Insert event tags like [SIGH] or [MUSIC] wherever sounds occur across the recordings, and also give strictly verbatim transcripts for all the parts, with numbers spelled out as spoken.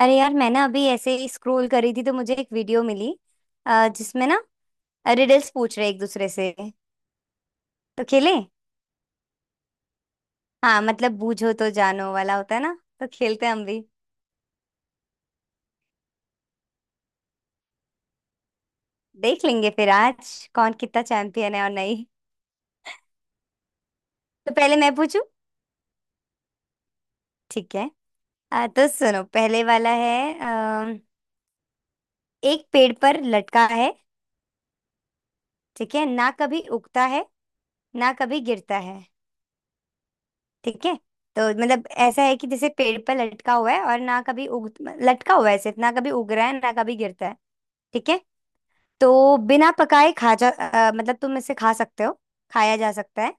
अरे यार, मैं ना अभी ऐसे ही स्क्रॉल करी थी तो मुझे एक वीडियो मिली अ, जिसमें ना रिडल्स पूछ रहे एक दूसरे से। तो खेले। हाँ, मतलब बूझो तो जानो वाला होता है ना। तो खेलते हैं हम भी। देख लेंगे फिर आज कौन कितना चैंपियन है और नहीं। तो पहले मैं पूछूं। ठीक है। अ, तो सुनो, पहले वाला है अम, एक पेड़ पर लटका है, ठीक है? ना कभी उगता है, ना कभी गिरता है। ठीक है? तो मतलब ऐसा है कि जैसे पेड़ पर लटका हुआ है और ना कभी उग लटका हुआ है सिर्फ, ना कभी उग रहा है, ना कभी गिरता है। ठीक है? तो बिना पकाए खा जा अ, मतलब तुम इसे खा सकते हो, खाया जा सकता है।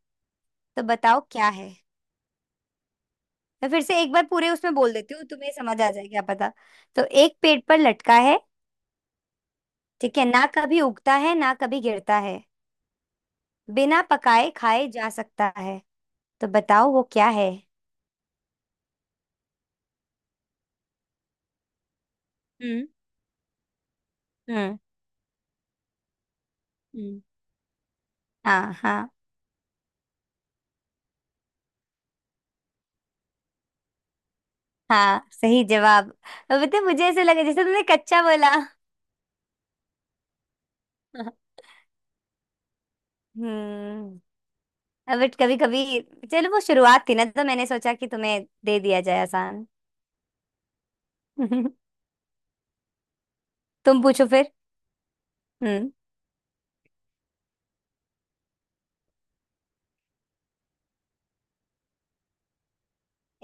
तो बताओ क्या है। मैं फिर से एक बार पूरे उसमें बोल देती हूँ, तुम्हें समझ आ जाए क्या पता। तो एक पेड़ पर लटका है, ठीक है? ना कभी उगता है, ना कभी गिरता है, बिना पकाए खाए जा सकता है। तो बताओ वो क्या है। हम्म। हम्म। हम्म। हाँ, हाँ, हाँ, सही जवाब। अब तो मुझे ऐसे लगे जैसे तुमने कच्चा बोला। हम्म। [LAUGHS] अब कभी कभी। चलो, वो शुरुआत थी ना तो मैंने सोचा कि तुम्हें दे दिया जाए आसान। [LAUGHS] तुम पूछो फिर। हम्म।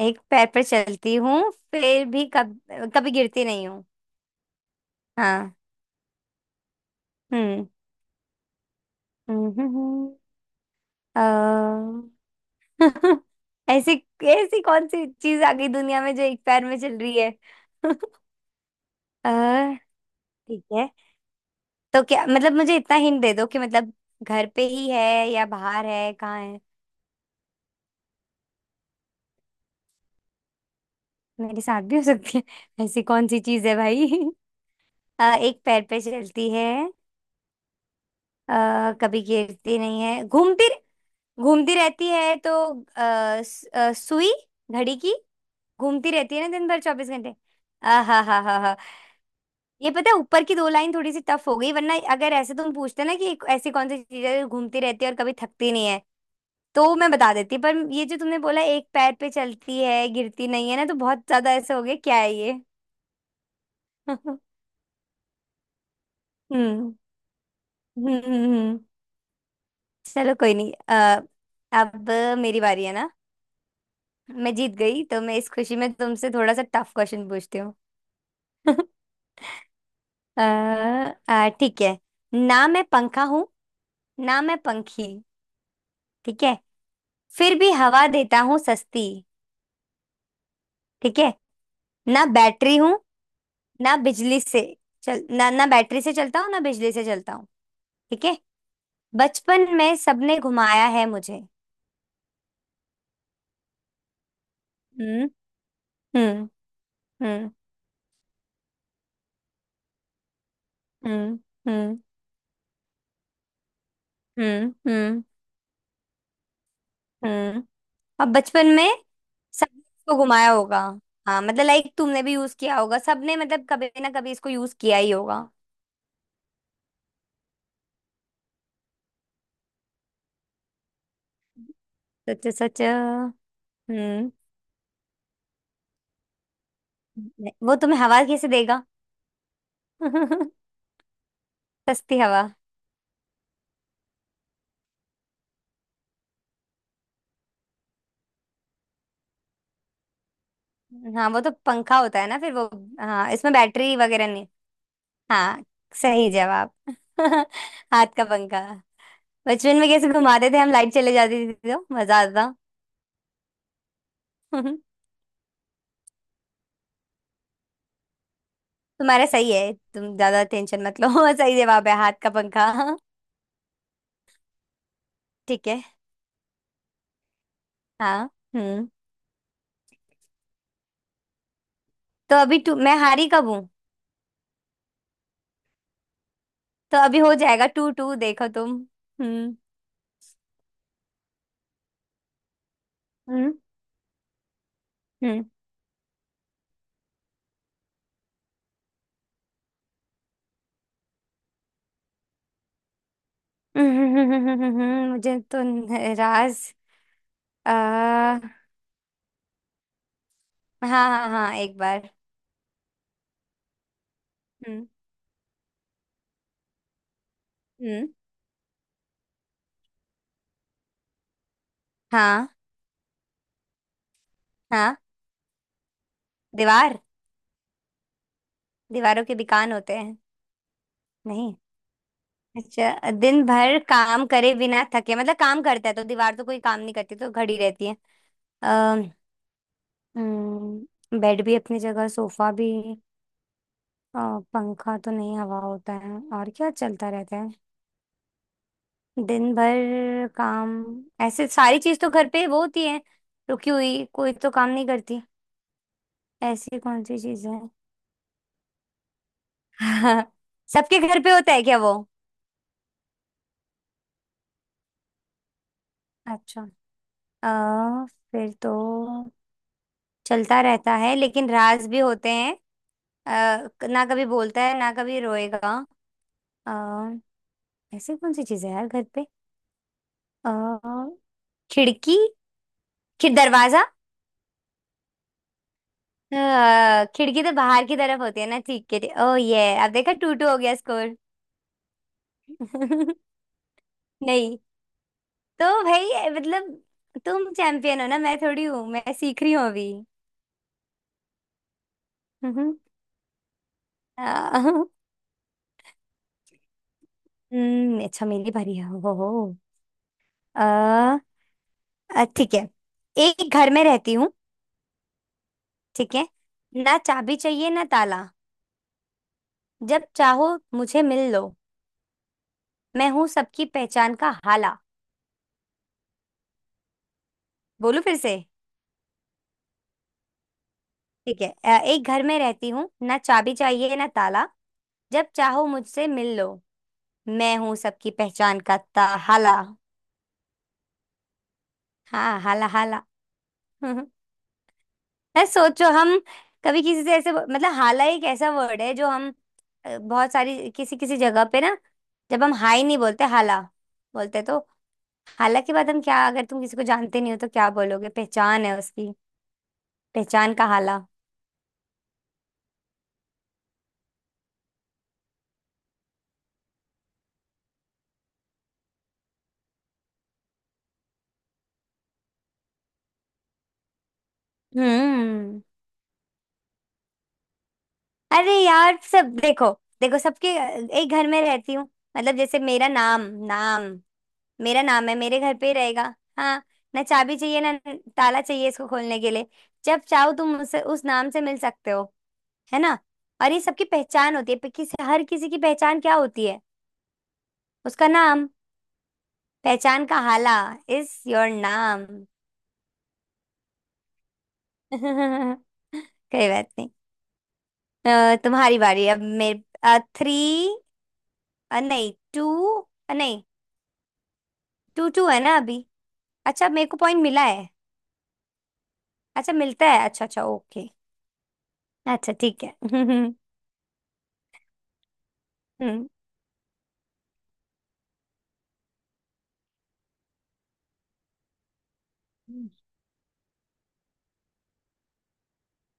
एक पैर पर चलती हूँ, फिर भी कब कभी गिरती नहीं हूँ। हाँ। हम्म। [LAUGHS] हम्म, हम्म, हम्म, अ, [LAUGHS] ऐसी ऐसी कौन सी चीज आ गई दुनिया में जो एक पैर में चल रही है? [LAUGHS] अ, ठीक है। तो क्या मतलब, मुझे इतना हिंट दे दो कि मतलब घर पे ही है या बाहर है, कहाँ है? मेरे साथ भी हो सकती है? ऐसी कौन सी चीज है भाई? [LAUGHS] अ, एक पैर पे चलती है, आ, कभी गिरती नहीं है, घूमती घूमती रहती है तो आ, सुई, घड़ी की। घूमती रहती है ना दिन भर चौबीस घंटे। आ हा हा हा हा। ये पता है, ऊपर की दो लाइन थोड़ी सी टफ हो गई, वरना अगर ऐसे तुम पूछते ना कि एक ऐसी कौन सी चीज है जो घूमती रहती है और कभी थकती नहीं है, तो मैं बता देती। पर ये जो तुमने बोला एक पैर पे चलती है गिरती नहीं है ना, तो बहुत ज्यादा ऐसे हो गया, क्या है ये? [LAUGHS] हम्म। हम्म। हम्म, चलो कोई नहीं। अ, अब मेरी बारी है ना। मैं जीत गई तो मैं इस खुशी में तुमसे थोड़ा सा टफ क्वेश्चन पूछती हूँ। [LAUGHS] अ, अ, ठीक है। ना मैं पंखा हूँ, ना मैं पंखी। ठीक है? फिर भी हवा देता हूँ सस्ती। ठीक है? ना बैटरी हूँ, ना बिजली से चल ना ना बैटरी से चलता हूँ ना बिजली से चलता हूँ। ठीक है? बचपन में सबने घुमाया है मुझे। हम्म। हम्म। हम्म। हम्म। हम्म। हम्म। हम्म। हम्म। अब बचपन में सबने इसको घुमाया होगा। हाँ मतलब, लाइक, तुमने भी यूज किया होगा, सबने मतलब कभी ना कभी इसको यूज किया ही होगा। सच सच। हम्म। नहीं, वो तुम्हें हवा कैसे देगा? [LAUGHS] सस्ती हवा। हाँ वो तो पंखा होता है ना फिर वो। हाँ, इसमें बैटरी वगैरह नहीं। हाँ, सही जवाब। [LAUGHS] हाथ का पंखा। बचपन में कैसे घुमाते थे हम, लाइट चले जाती थी तो मजा आता था। [LAUGHS] तुम्हारा सही है, तुम ज्यादा टेंशन मत लो। [LAUGHS] सही जवाब है, हाथ का पंखा। [LAUGHS] ठीक है। हाँ। हम्म। तो अभी टू मैं हारी कब हूँ? तो अभी हो जाएगा टू टू, देखो तुम। हम्म। हम्म। हम्म। हम्म। [LAUGHS] मुझे तो न- राज, आ, हाँ हाँ हाँ, एक बार। हम्म। हम्म। हाँ। हाँ। दीवार। दीवारों के दुकान होते हैं? नहीं। अच्छा, दिन भर काम करे बिना थके मतलब काम करता है, तो दीवार तो कोई काम नहीं करती, तो खड़ी रहती है। अः बेड भी अपनी जगह, सोफा भी। अ, पंखा तो नहीं, हवा होता है। और क्या चलता रहता है? दिन भर काम। ऐसे सारी चीज तो घर पे वो होती है, रुकी हुई। कोई तो काम नहीं करती। ऐसी कौन सी चीज है? [LAUGHS] सबके घर पे होता है क्या वो? अच्छा अ, फिर तो चलता रहता है लेकिन राज भी होते हैं। अ, ना कभी बोलता है ना कभी रोएगा। अ, ऐसी कौन सी चीज है यार घर पे? अ, खिड़की, खिड़ दरवाजा। अ, खिड़की तो बाहर की तरफ होती है ना। ठीक है। ओ ये, अब देखा, टू टू हो गया स्कोर। [LAUGHS] नहीं, तो भाई ये मतलब तुम चैंपियन हो ना, मैं थोड़ी हूँ, मैं सीख रही हूँ अभी। हम्म, अ, हम्म, अच्छा मेरी बारी है, हो हो। अ, अ, ठीक है। एक घर में रहती हूँ, ठीक है? ना चाबी चाहिए ना ताला, जब चाहो मुझे मिल लो। मैं हूँ सबकी पहचान का हाला। बोलू फिर से। ठीक है। अ, एक घर में रहती हूँ, ना चाबी चाहिए ना ताला। जब चाहो मुझसे मिल लो। मैं हूँ सबकी पहचान का ता हाला। हाँ, हाला, हाला। [LAUGHS] अरे सोचो, हम कभी किसी से ऐसे मतलब, हाला एक ऐसा वर्ड है जो हम अ, बहुत सारी किसी किसी जगह पे ना, जब हम हाय नहीं बोलते, हाला बोलते। तो हाला के बाद हम क्या, अगर तुम किसी को जानते नहीं हो तो क्या बोलोगे पहचान है उसकी? पहचान का हाला। हम्म। अरे यार, सब देखो। देखो, सबके एक घर में रहती हूँ मतलब जैसे मेरा नाम, नाम मेरा नाम है, मेरे घर पे ही रहेगा। हाँ। ना चाबी चाहिए ना ताला चाहिए इसको खोलने के लिए। जब चाहो तुम उससे उस नाम से मिल सकते हो, है ना? और ये सबकी पहचान होती है पे- किसी हर किसी की पहचान क्या होती है? उसका नाम। पहचान का हाला, इज योर नाम। [LAUGHS] कोई बात नहीं। अ, तुम्हारी बारी, अब मेरे थ्री, नहीं टू, नहीं, टू टू है ना अभी। अच्छा, मेरे को पॉइंट मिला है? अच्छा मिलता है, अच्छा अच्छा, ओके। अच्छा ठीक है। [LAUGHS] हम्म।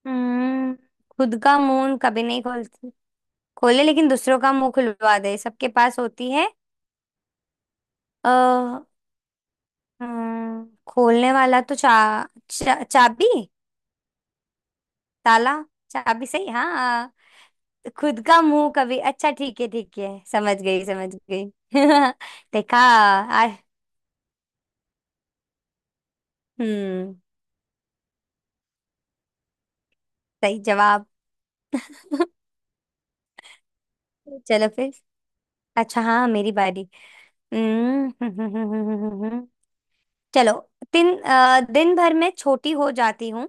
हम्म। खुद का मुंह कभी नहीं खोलती, खोले, लेकिन दूसरों का मुंह खुलवा दे, सबके पास होती है। आ, खोलने वाला तो चा, चा, चाबी। ताला, चाबी, सही, हाँ। खुद का मुंह कभी, अच्छा ठीक है ठीक है, समझ गई समझ गई। [LAUGHS] देखा। आ, हम्म। सही जवाब। [LAUGHS] चलो फिर। अच्छा हाँ, मेरी बारी। हम्म, हम्म, हम्म, हम्म, हम्म, हम्म, हम्म। चलो। दिन अ, दिन भर में छोटी हो जाती हूँ।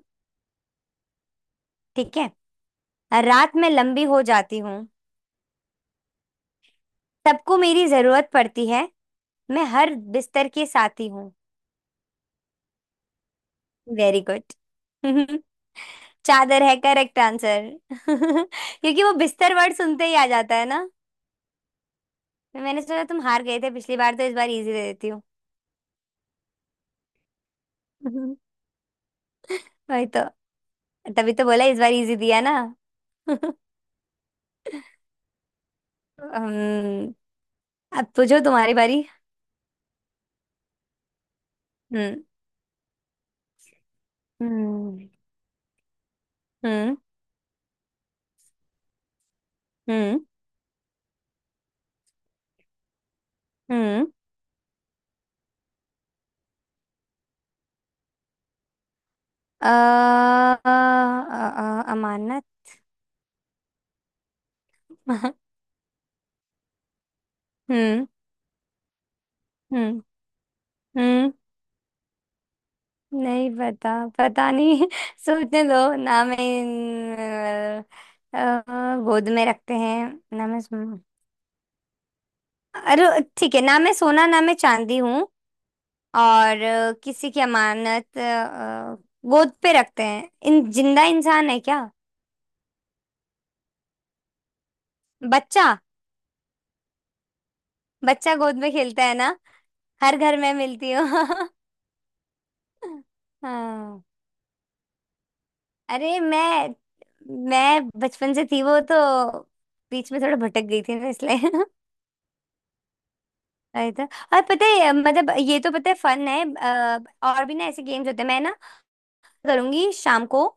ठीक है? रात में लंबी हो जाती हूँ। सबको मेरी जरूरत पड़ती है। मैं हर बिस्तर की साथी हूँ। Very good. [LAUGHS] चादर है करेक्ट आंसर। [LAUGHS] क्योंकि वो बिस्तर वर्ड सुनते ही आ जाता है ना। मैंने सोचा तुम हार गए थे पिछली बार, तो इस बार इजी दे देती हूँ। [LAUGHS] वही तो, तभी तो बोला इस बार इजी दिया ना। [LAUGHS] अम्म, अब पूछो, तुम्हारी बारी। हम्म। हम्म। हम्म। हम्म। हम्म। अ, अ, अ, अ, अमानत। [LAUGHS] हम्म। हम्म। हम्म। नहीं पता, पता नहीं। [LAUGHS] सोचने दो ना, मैं इन- अ, अ, गोद में रखते हैं। ना मैं सो- अरे ठीक है, ना मैं सोना ना मैं चांदी हूँ, और अ, किसी की अमानत। अ, अ, गोद पे रखते हैं, इन जिंदा इंसान है क्या? बच्चा, बच्चा गोद में खेलता है ना। हर घर में मिलती हूँ। [LAUGHS] हाँ। अरे मैं मैं बचपन से थी वो तो, बीच में थोड़ा भटक गई थी ना इसलिए। [LAUGHS] आया था। और पता है, मतलब ये तो पता है फन है। अ, और भी ना ऐसे गेम्स होते हैं, मैं ना करूंगी शाम को,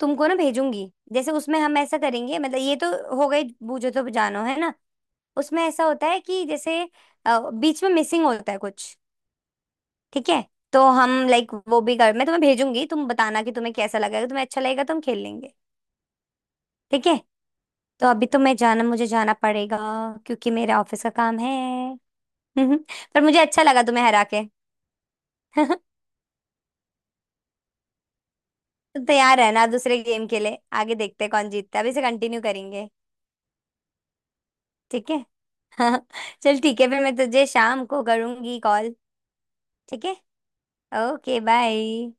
तुमको ना भेजूंगी, जैसे उसमें हम ऐसा करेंगे मतलब ये तो हो गई बूझो तो जानो है ना। उसमें ऐसा होता है कि जैसे अ, बीच में मिसिंग होता है कुछ। ठीक है? तो हम लाइक वो भी कर, मैं तुम्हें भेजूंगी, तुम बताना कि तुम्हें कैसा लगेगा, तुम्हें अच्छा लगेगा तो हम खेल लेंगे। ठीक है। तो अभी तो मैं जाना, मुझे जाना पड़ेगा, क्योंकि मेरा ऑफिस का काम है। [LAUGHS] पर मुझे अच्छा लगा तुम्हें हरा के। [LAUGHS] तो तैयार रहना दूसरे गेम के लिए, आगे देखते हैं कौन जीतता है, अभी से कंटिन्यू करेंगे। ठीक है। [LAUGHS] चल ठीक है फिर, मैं तुझे शाम को करूंगी कॉल। ठीक है। Okay, bye.